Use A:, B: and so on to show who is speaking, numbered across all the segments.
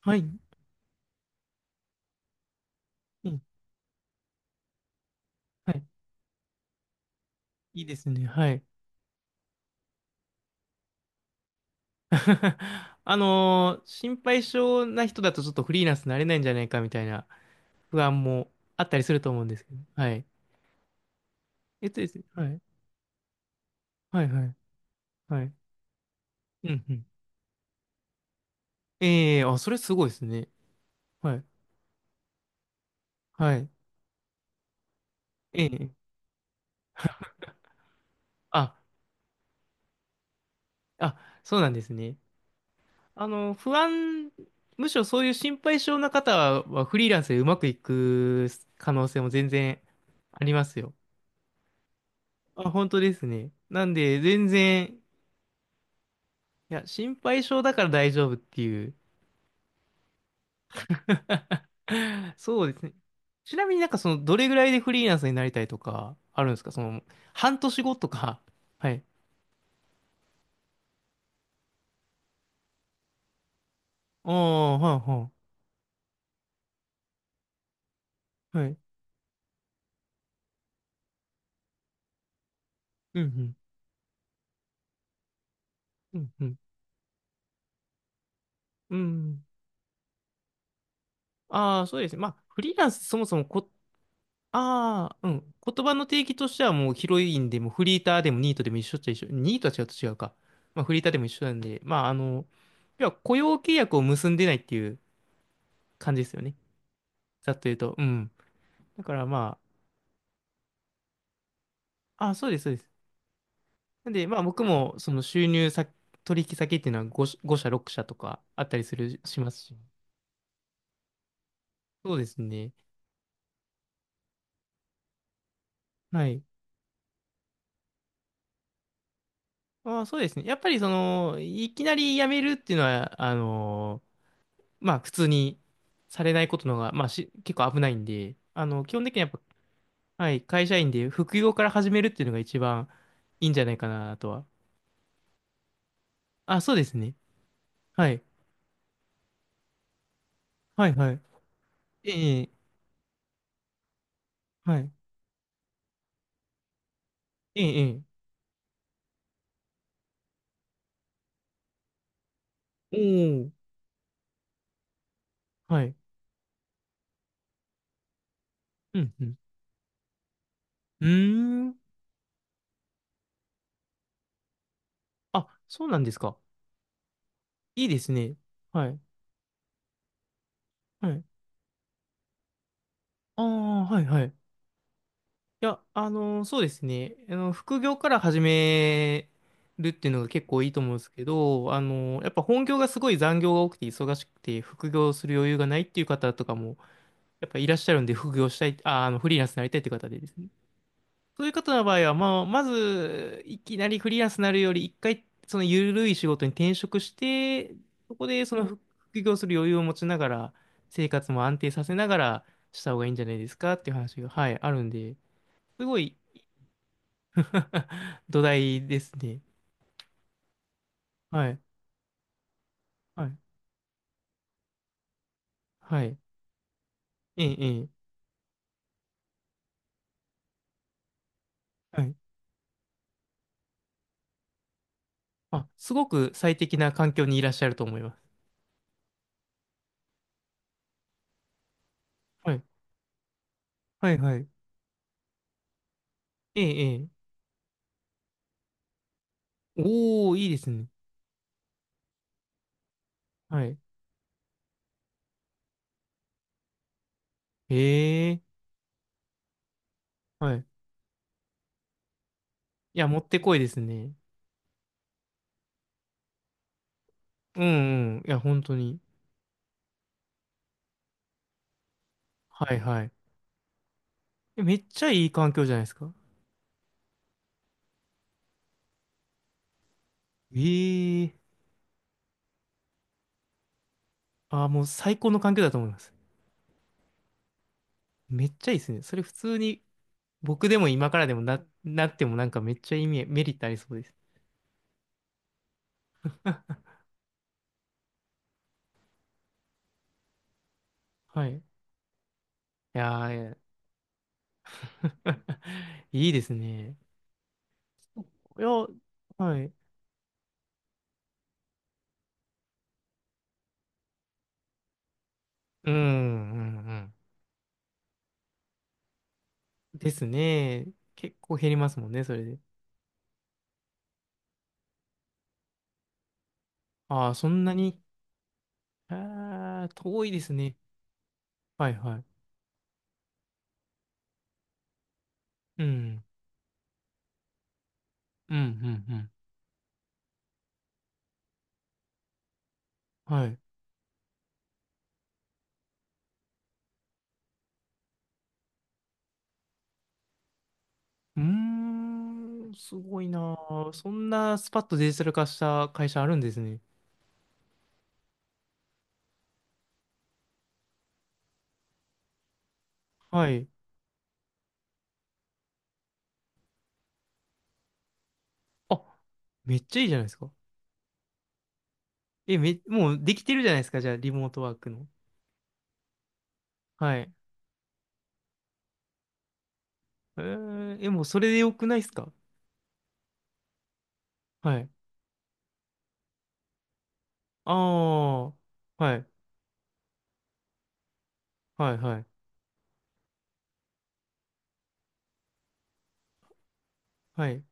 A: はい。うん。はい。いいですね。はい。心配性な人だとちょっとフリーランスになれないんじゃないかみたいな不安もあったりすると思うんですけど。はい。えっとですね。はい。はいはい。はい。うんうん。それすごいですね。はい。はい。ええあ、あ、そうなんですね。あの、不安、むしろそういう心配性な方はフリーランスでうまくいく可能性も全然ありますよ。あ、本当ですね。なんで、全然いや、心配性だから大丈夫っていう。そうですね。ちなみになんかその、どれぐらいでフリーランスになりたいとか、あるんですかその、半年後とか。はい。ああ、はい、はい。はい。うん、うん、うん、うん。うん。ああ、そうですね。まあ、フリーランスそもそもこ、ああ、うん。言葉の定義としてはもうヒロインでもフリーターでもニートでも一緒っちゃ一緒。ニートは違うと違うか。まあ、フリーターでも一緒なんで、まあ、あの、要は雇用契約を結んでないっていう感じですよね。ざっと言うと。うん。だからまあ、あ、そうです、そうです。なんで、まあ僕もその収入先、取引先っていうのは5社、ご社、6社とかあったりする、しますし。そうですね。はい。まあそうですね。やっぱりその、いきなり辞めるっていうのは、あの、まあ普通にされないことの方が、まあし、結構危ないんで、あの、基本的にはやっぱ、はい、会社員で副業から始めるっていうのが一番いいんじゃないかなとは。あ、そうですね。はい。はい、はい。ええ、はい。ええ、ええ、おー、はい。うんうん、うーん。あ、そうなんですか。いいですね。はい。はい。ああ、はい、はい。いや、そうですね。あの、副業から始めるっていうのが結構いいと思うんですけど、やっぱ本業がすごい残業が多くて忙しくて、副業する余裕がないっていう方とかも、やっぱいらっしゃるんで、副業したい、あー、あの、フリーランスになりたいっていう方でですね。そういう方の場合は、まあ、まず、いきなりフリーランスになるより、一回、その緩い仕事に転職して、そこでその副業する余裕を持ちながら、生活も安定させながらした方がいいんじゃないですかっていう話が、はい、あるんで、すごい 土台ですね。はい、はい、はい、ええ、ええ、はい。あ、すごく最適な環境にいらっしゃると思います。はい、はい、はい。ええ、ええ。おー、いいですね。はい。へえ、はい。いや、もってこいですね。うんうん。いや、本当に。はいはい。めっちゃいい環境じゃないですか。ええもう最高の環境だと思います。めっちゃいいですね。それ普通に僕でも今からでもなってもなんかめっちゃメリットありそうです。はい。いやー、いや。 いいですね。いや、はい。うん、うん、うん。ですね。結構減りますもんね、それで。ああ、そんなに。ああ、遠いですね。はい、はい。うん、うん、うん、うん。はい。うーん、すごいなあ。そんなスパッとデジタル化した会社あるんですね。はい。あ、めっちゃいいじゃないですか。もうできてるじゃないですか。じゃあ、リモートワークの。はい。えー、もうそれでよくないですか。はい。ああ、はい、はい、はい、はい。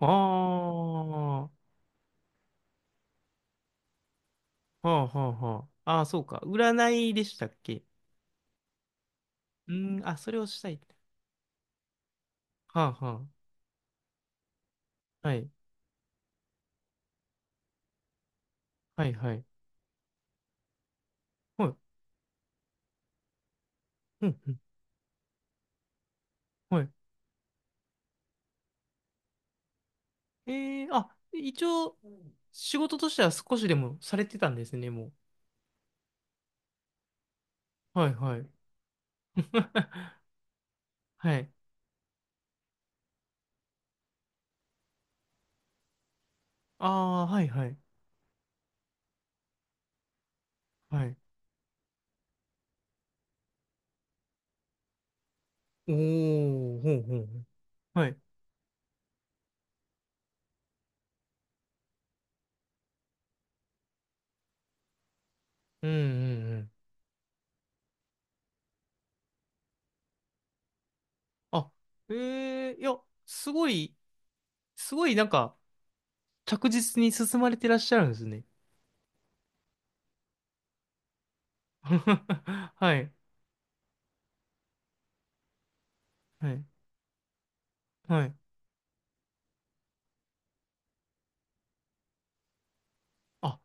A: ああ、はあ、はあ、はあ。ああ、そうか。占いでしたっけ。うーん、あ、それをしたい。はあ、はあ。はい、はい、はい。はい、うん、うん、はい。ええー、あ、一応、仕事としては少しでもされてたんですね、もう。はいはい。はい。ああ、はいはい。はい。おー、ほうほうほう。はい。うんうんうん。あ、ええいや、すごい、すごいなんか、着実に進まれてらっしゃるんですね。はい、はい、はい。あ、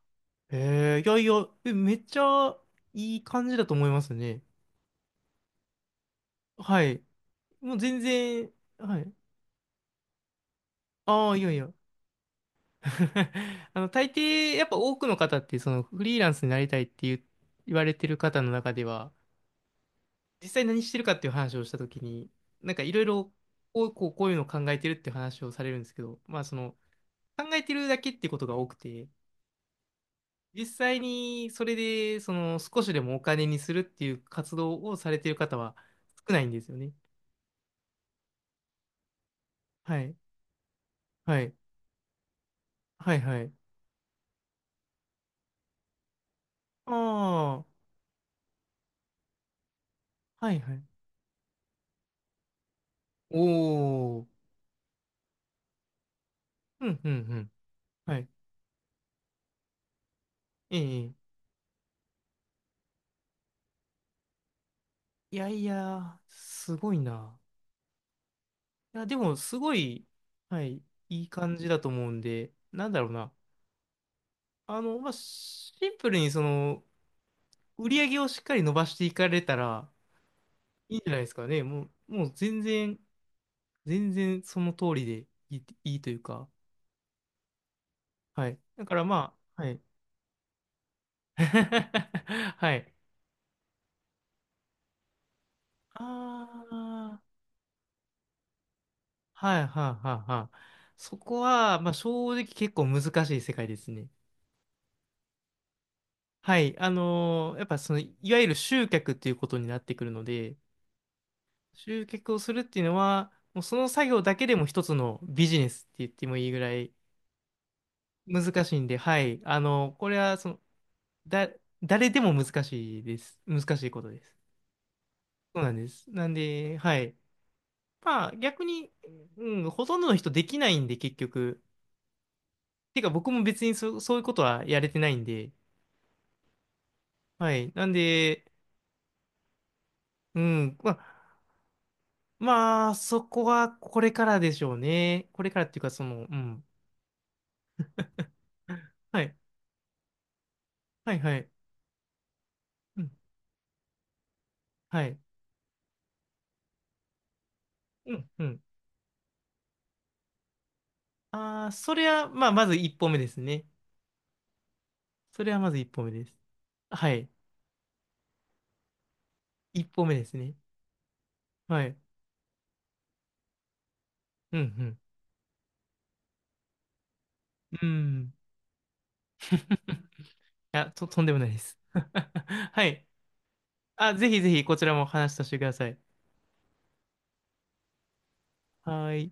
A: えいやいや、めっちゃいい感じだと思いますね。はい。もう全然、はい。ああ、いやいや。あの、大抵、やっぱ多くの方って、その、フリーランスになりたいっていう言われてる方の中では、実際何してるかっていう話をしたときに、なんかいろいろ、こう、こうこういうのを考えてるって話をされるんですけど、まあ、その、考えてるだけってことが多くて、実際に、それで、その、少しでもお金にするっていう活動をされてる方は少ないんですよね。はい。はい。はい、はい。ああ、はい、はい。おー。うん、うん、うん。はい。ええ。いやいや、すごいな。いや、でも、すごい、はい、いい感じだと思うんで、なんだろうな。あの、まあ、シンプルに、その、売り上げをしっかり伸ばしていかれたら、いいんじゃないですかね。もう、もう全然、全然その通りでいい、いいというか、はい。だからまあ、はい。はい。ああ、はい、はい、はい、はい。そこは、まあ、正直結構難しい世界ですね。はい、やっぱその、いわゆる集客っていうことになってくるので、集客をするっていうのは、もうその作業だけでも一つのビジネスって言ってもいいぐらい難しいんで、はい、あのこれはその、だ、誰でも難しいです。難しいことです。そうなんです。なんで、はい。まあ、逆に、うん、ほとんどの人できないんで、結局。てか、僕も別にそういうことはやれてないんで、はい。なんで、うん。まあ、まあ、そこはこれからでしょうね。これからっていうか、その、うん。はい、はい、はい。うん、はい。うん、うん。ああ、それは、まあ、まず一歩目ですね。それはまず一歩目です。はい。一歩目ですね。はい。うん、うん。うん。いや、とんでもないです。はい。あ、ぜひぜひ、こちらも話させてください。はい。